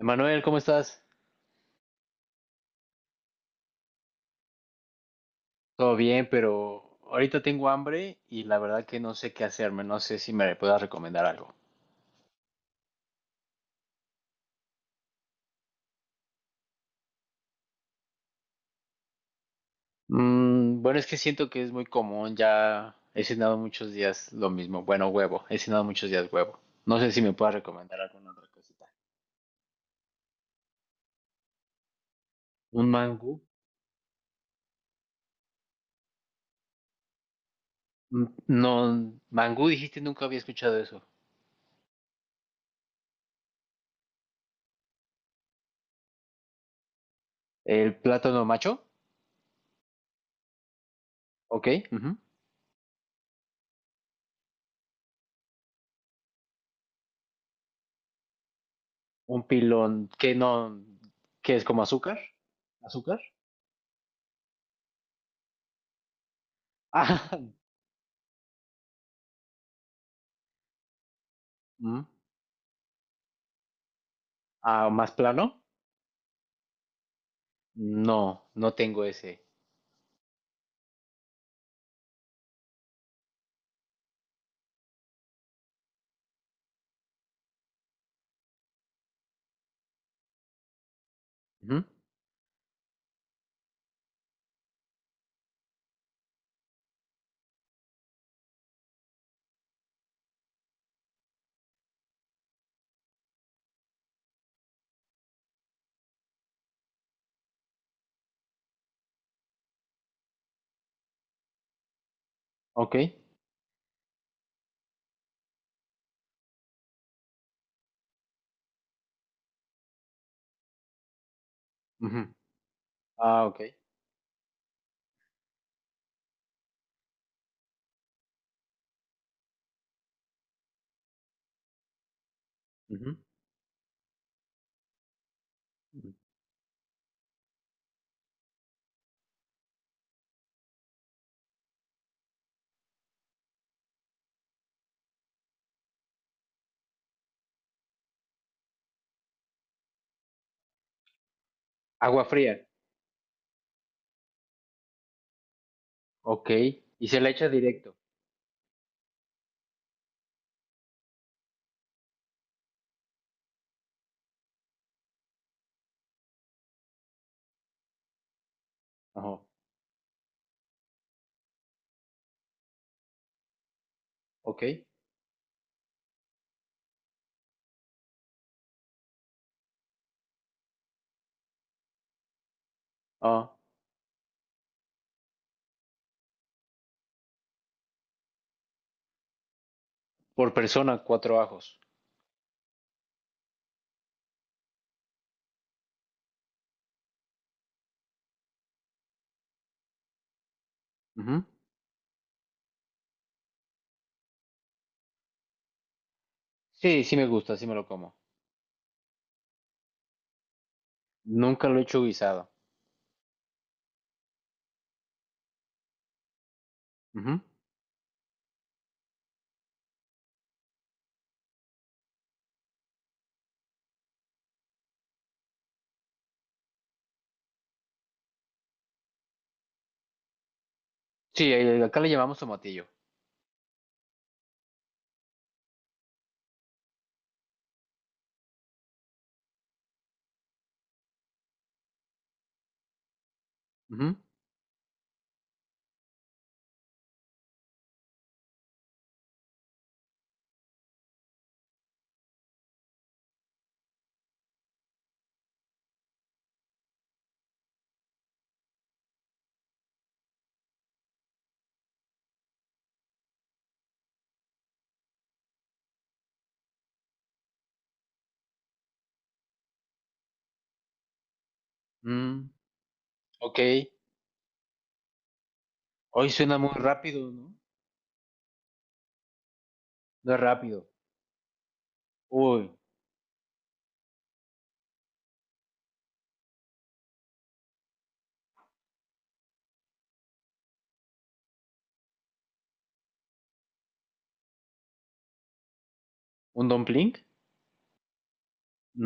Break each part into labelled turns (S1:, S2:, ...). S1: Emanuel, ¿cómo estás? Todo bien, pero ahorita tengo hambre y la verdad que no sé qué hacerme, no sé si me puedas recomendar algo. Bueno, es que siento que es muy común, ya he cenado muchos días lo mismo, bueno, huevo, he cenado muchos días huevo. No sé si me puedas recomendar alguna otra cosita. ¿Un mangú? Mm, no, mangú dijiste, nunca había escuchado eso. ¿El plátano macho? Ok, ujú. ¿Un pilón? Que no, ¿que es como azúcar? ¿Azúcar? Ah, mm, ah, más plano. No, no tengo ese. Ujú. Ok, ujú. Ah, ok. Ujú, ujú. Agua fría. Ok. Y se la echa directo. Ajá. Ok. Ah, por persona, cuatro ajos. Ujú. Sí, sí me gusta, sí me lo como. Nunca lo he hecho guisado. Ujú. Sí, acá le llamamos tomatillo. Ujú. Mm, ok. Hoy suena muy rápido, ¿no? No es rápido. Uy, ¿un dumpling?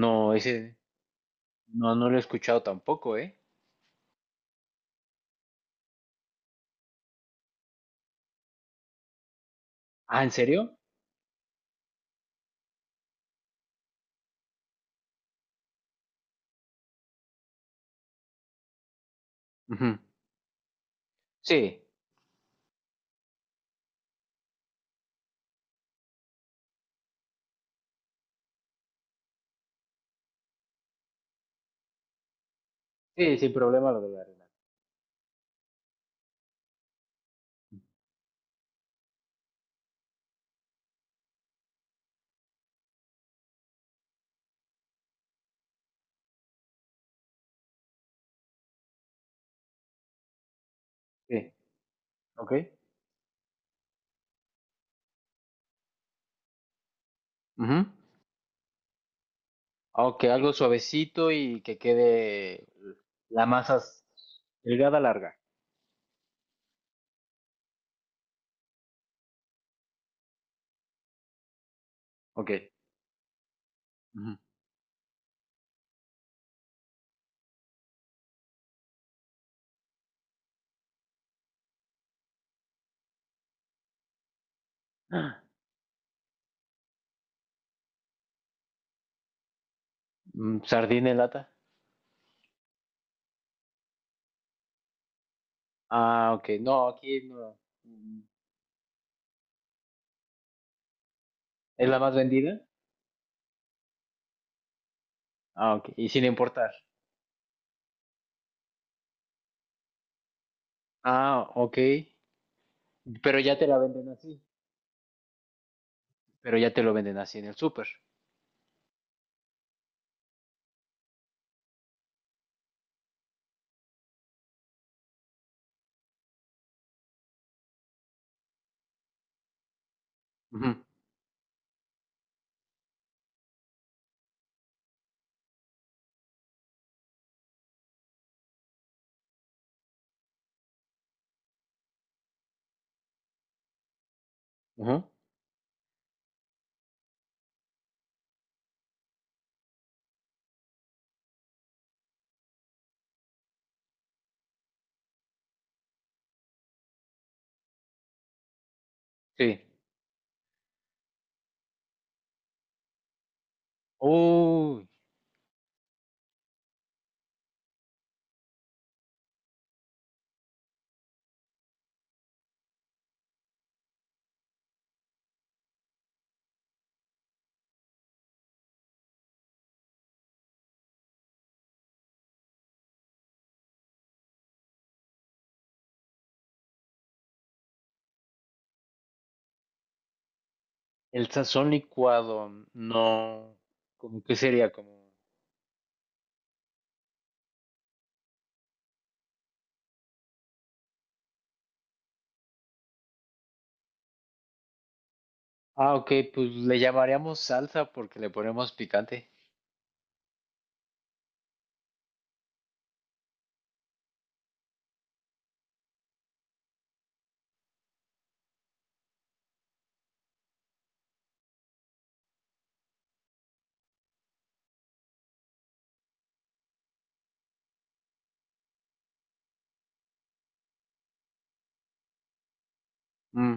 S1: No, ese no, no lo he escuchado tampoco, ¿eh? Ah, ¿en serio? Ujú. Sí, sí, sin problema lo de la harina. Sí, ok. Ujú. Ok, algo suavecito y que quede la masa s- delgada, larga. Ok. Ujú. Mm, sardina en lata. Ah, ok. No, aquí no. Mm. ¿Es la más vendida? Ah, ok. Y sin importar. Ah, ok. Pero ya te la venden así. Pero ya te lo venden así en el súper. Ujú, ujú. Sí. Uy, el sazón licuado. No. ¿Cómo que sería? Como, ah, ok, pues le llamaríamos salsa porque le ponemos picante. Mm,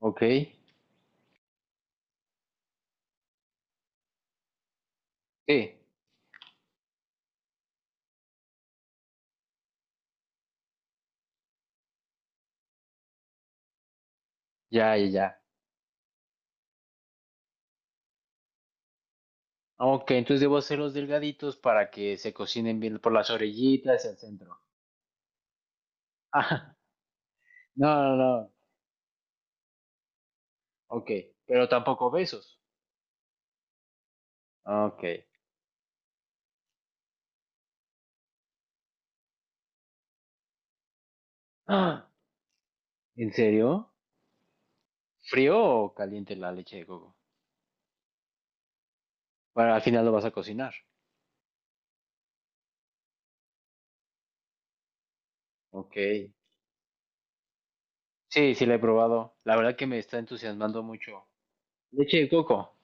S1: ok. Sí, ya, ya, ya. Ah, ok, entonces debo hacerlos delgaditos para que se cocinen bien por las orillitas y el centro. Ah, no, no, no. Ok, pero tampoco besos. Ok. Ah, ¿en serio? ¿Frío o caliente la leche de coco? Bueno, al final lo vas a cocinar. Ok. Sí, sí, la he probado. La verdad que me está entusiasmando mucho. Leche de coco.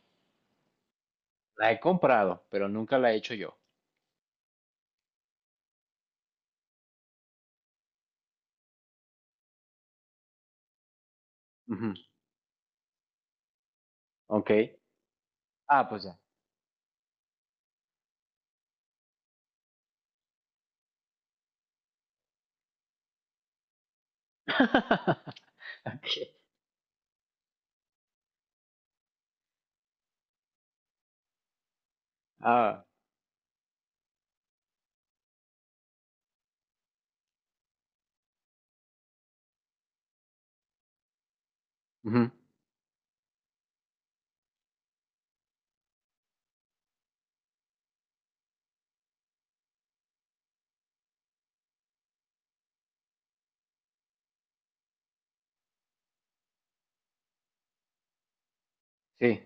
S1: La he comprado, pero nunca la he hecho yo. Ujú. Ok. Ah, pues ya. Ok. Ah, ujú. Sí.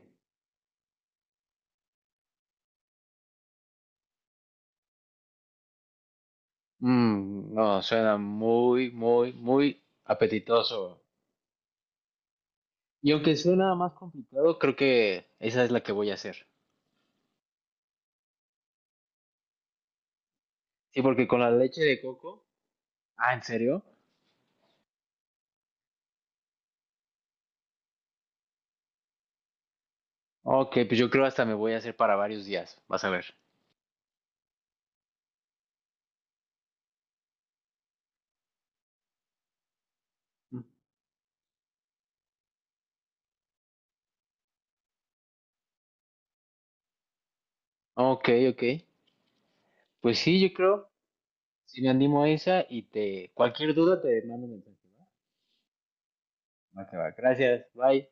S1: Mm, no, suena muy, muy, muy apetitoso. Y aunque suena más complicado, creo que esa es la que voy a hacer. Sí, porque con la leche de coco. Ah, ¿en serio? Ok, pues yo creo hasta me voy a hacer para varios días. Vas a ver. Mm. Ok, ok. Pues sí, yo creo. Si me animo a esa y te... Cualquier duda te mando un mensaje. ¿Va? Va que va. Gracias. Bye.